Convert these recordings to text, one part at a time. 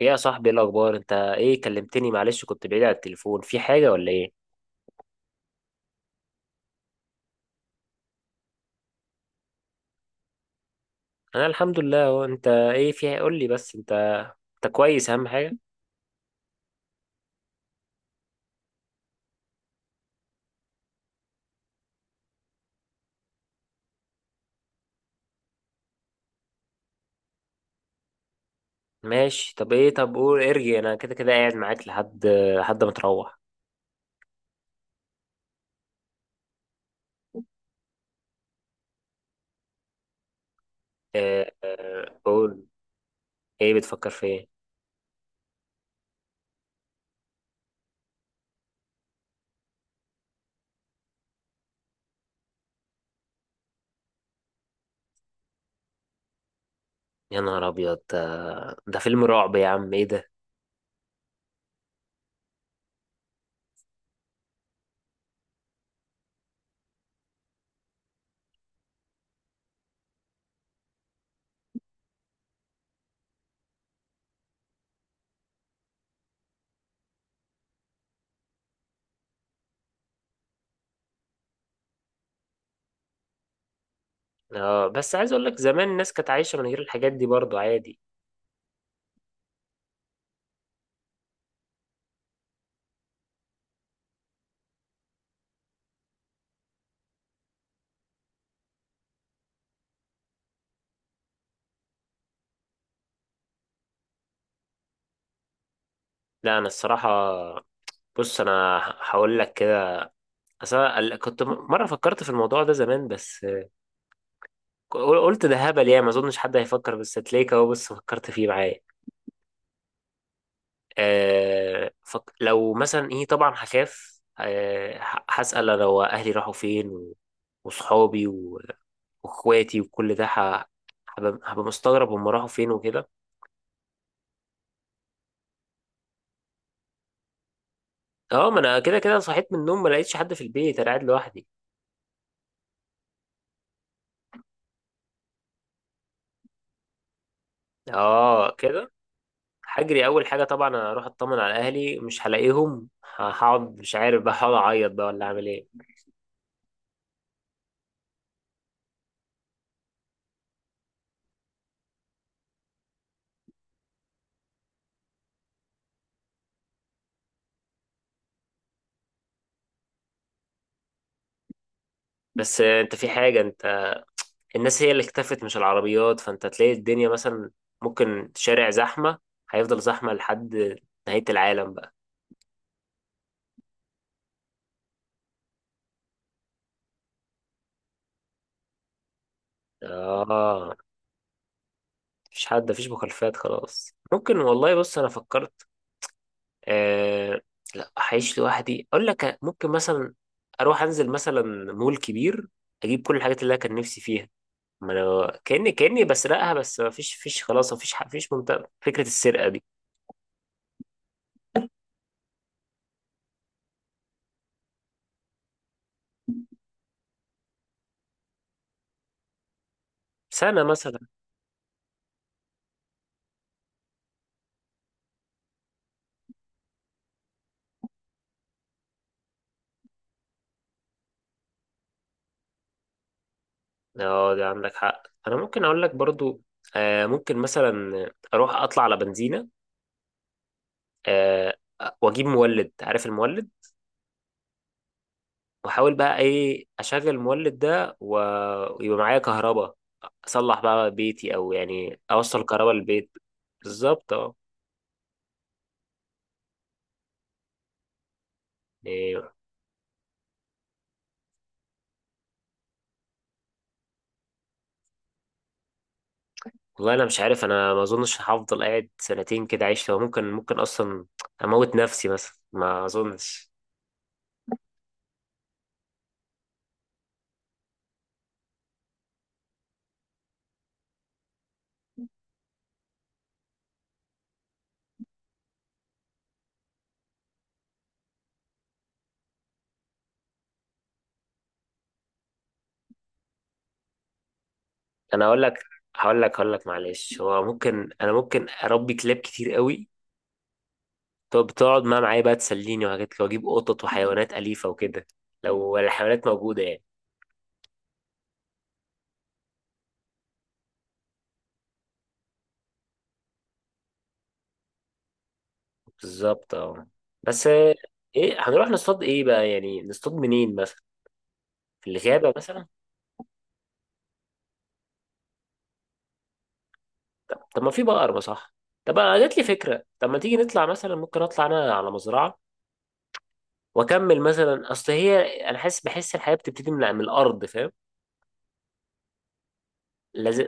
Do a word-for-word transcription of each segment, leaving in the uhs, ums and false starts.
ايه يا صاحبي، ايه الاخبار؟ انت ايه كلمتني؟ معلش كنت بعيد على التليفون، في حاجه ولا ايه؟ انا الحمد لله. هو انت ايه؟ في، قول لي، بس انت انت كويس اهم حاجه؟ ماشي. طب ايه، طب قول، ارجع، انا كده كده قاعد معاك لحد لحد ما تروح. اه، اه، قول. ايه بتفكر في ايه؟ يا نهار ابيض، ده ده فيلم رعب يا عم، ايه ده؟ اه، بس عايز اقول لك زمان الناس كانت عايشه من غير الحاجات دي برضو عادي. لا، انا الصراحه، بص انا هقول لك كده. اصل أنا ال- كنت م- مره فكرت في الموضوع ده زمان، بس قلت ده هبل، يعني ما اظنش حد هيفكر، بس هتلاقيك اهو بس فكرت فيه معايا. أه فك... لو مثلا ايه، طبعا هخاف، أه ه- هسأل انا واهلي راحوا فين، و... وصحابي و... واخواتي وكل ده، ه... هبقى هبقى مستغرب هم راحوا فين وكده. اه، ما انا كده كده صحيت من النوم ما لقيتش حد في البيت، انا قاعد لوحدي. اه كده. هجري اول حاجه طبعا، اروح اطمن على اهلي، مش هلاقيهم، هقعد مش عارف بقى، هقعد اعيط بقى ولا اعمل ايه. بس آه، انت في حاجه. انت الناس هي اللي اكتفت مش العربيات، فانت تلاقي الدنيا مثلا ممكن شارع زحمة هيفضل زحمة لحد نهاية العالم بقى. اه، مفيش حد، مفيش مخالفات خلاص، ممكن، والله. بص انا فكرت، آه لا هعيش لوحدي، اقول لك ممكن مثلا اروح انزل مثلا مول كبير، اجيب كل الحاجات اللي انا كان نفسي فيها، ما انا كاني كاني بسرقها، بس مفيش فيش خلاص، مفيش ح- مفيش منطقة، فكرة السرقة دي. سنة مثلا. اه دي عندك حق، انا ممكن اقول لك برضو. آه ممكن مثلا اروح اطلع على بنزينه، آه واجيب مولد، عارف المولد؟ واحاول بقى ايه اشغل المولد ده و- ويبقى معايا كهرباء، اصلح بقى بيتي، او يعني اوصل كهرباء للبيت. بالظبط اه. إيه، والله انا مش عارف، انا ما اظنش هفضل قاعد سنتين كده عايش، لو ممكن، ممكن اصلا اموت نفسي مثلا، ما اظنش. انا اقول لك، هقول لك هقول لك معلش، هو ممكن انا ممكن اربي كلاب كتير قوي، طب تقعد معاه معايا بقى تسليني وحاجات كده، واجيب قطط وحيوانات أليفة وكده، لو الحيوانات موجودة يعني. بالظبط اه. بس آه، ايه هنروح نصطاد ايه بقى، يعني نصطاد منين مثلا، في الغابة مثلا؟ طب, طب ما في بقر ما صح. طب انا جات لي فكرة، طب ما تيجي نطلع مثلا، ممكن اطلع انا على مزرعة واكمل مثلا، اصل هي انا حاسس بحس الحياة بتبتدي من, من الارض فاهم. لازم.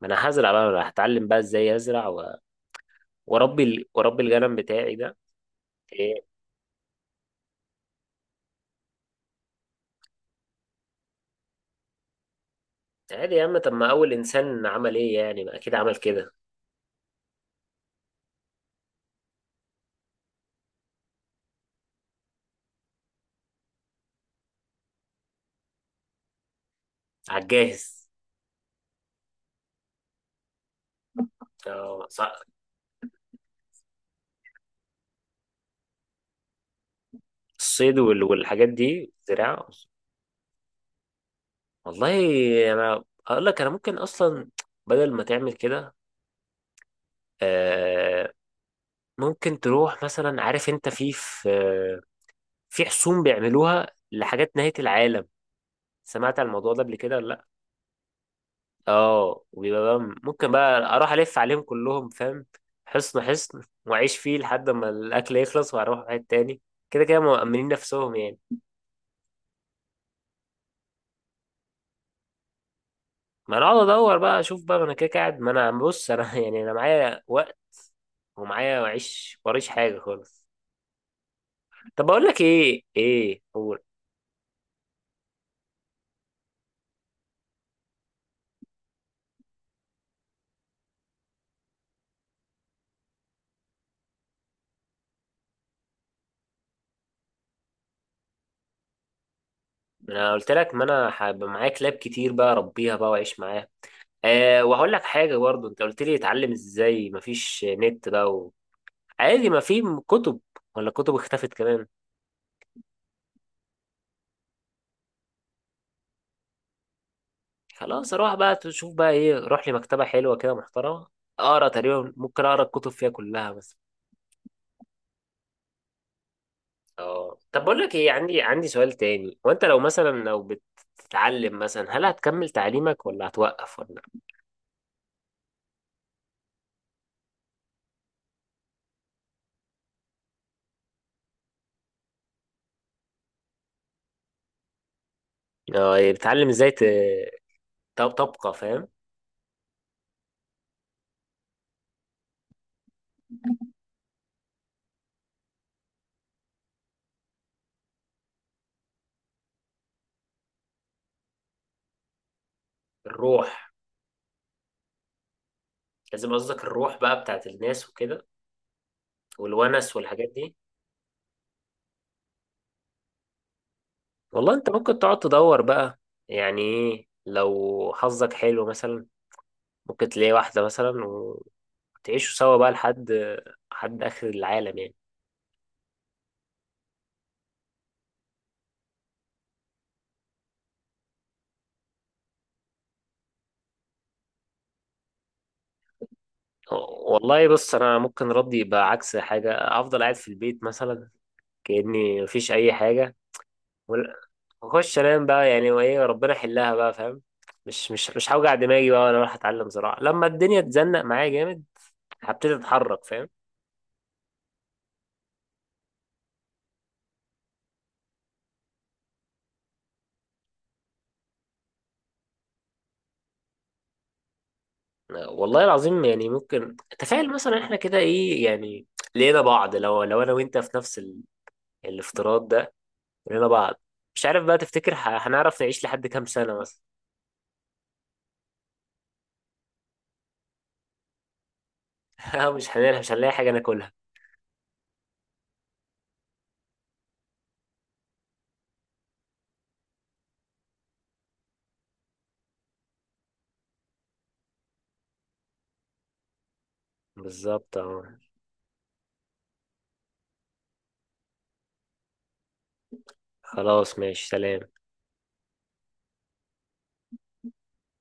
ما انا هزرع بقى، أنا هتعلم بقى ازاي ازرع و... واربي ال... واربي الغنم بتاعي ده. إيه؟ عادي يا عم، طب ما اول انسان عمل ايه يعني، ما اكيد عمل كده. على الجاهز. آه، ص- الصيد وال- والحاجات دي، زراعة. والله انا اقول لك، انا ممكن اصلا، بدل ما تعمل كده، آه، ممكن تروح مثلا. عارف انت في في في حصون بيعملوها لحاجات نهاية العالم، سمعت عن الموضوع ده قبل كده ولا؟ اه، وبيبقى بقى، ممكن بقى اروح الف عليهم كلهم فاهم، حصن حصن، واعيش فيه لحد ما الاكل يخلص، واروح واحد تاني، كده كده مأمنين نفسهم يعني. ما انا اقعد ادور بقى، اشوف بقى، ما انا كده كده قاعد، ما انا، بص انا يعني انا معايا وقت، ومعايا معيش وريش حاجه خالص. طب بقول لك ايه، ايه، قول. انا قلت لك، ما انا هبقى معايا كلاب كتير بقى اربيها بقى واعيش معاها. أه، وهقول لك حاجه برضو، انت قلت لي اتعلم ازاي مفيش نت بقى، عادي، ما في كتب، ولا كتب اختفت كمان؟ خلاص اروح بقى، تشوف بقى ايه، روح لي مكتبة حلوة كده محترمة، اقرا تقريبا، ممكن اقرا الكتب فيها كلها بس. اه، طب بقول لك ايه، عندي عندي سؤال تاني، وانت لو مثلا، لو بتتعلم مثلا، هل هتكمل تعليمك ولا هتوقف ولا؟ اه يعني بتتعلم ازاي ت- ت- تبقى فاهم. الروح. لازم، قصدك الروح بقى بتاعت الناس وكده، والونس والحاجات دي. والله انت ممكن تقعد تدور بقى، يعني ايه، لو حظك حلو مثلا ممكن تلاقي واحدة مثلا، وتعيشوا سوا بقى لحد، لحد آخر العالم يعني. والله بص، أنا ممكن ردي يبقى عكس حاجة، أفضل قاعد في البيت مثلا كأني مفيش أي حاجة، ولا- وأخش أنام بقى يعني، وإيه، ربنا يحلها بقى فاهم، مش مش مش هوجع دماغي بقى، وأنا رايح أتعلم زراعة لما الدنيا تزنق معايا جامد هبتدي أتحرك فاهم. والله العظيم، يعني ممكن تخيل مثلا إحنا كده إيه يعني؟ لقينا بعض، لو لو أنا وأنت في نفس ال... الافتراض ده، كلنا بعض. مش عارف بقى تفتكر ه- هنعرف نعيش لحد كام سنة مثلا؟ مش هنلاقي مش هنلاقي حاجة ناكلها. بالظبط اه. خلاص ماشي، سلام.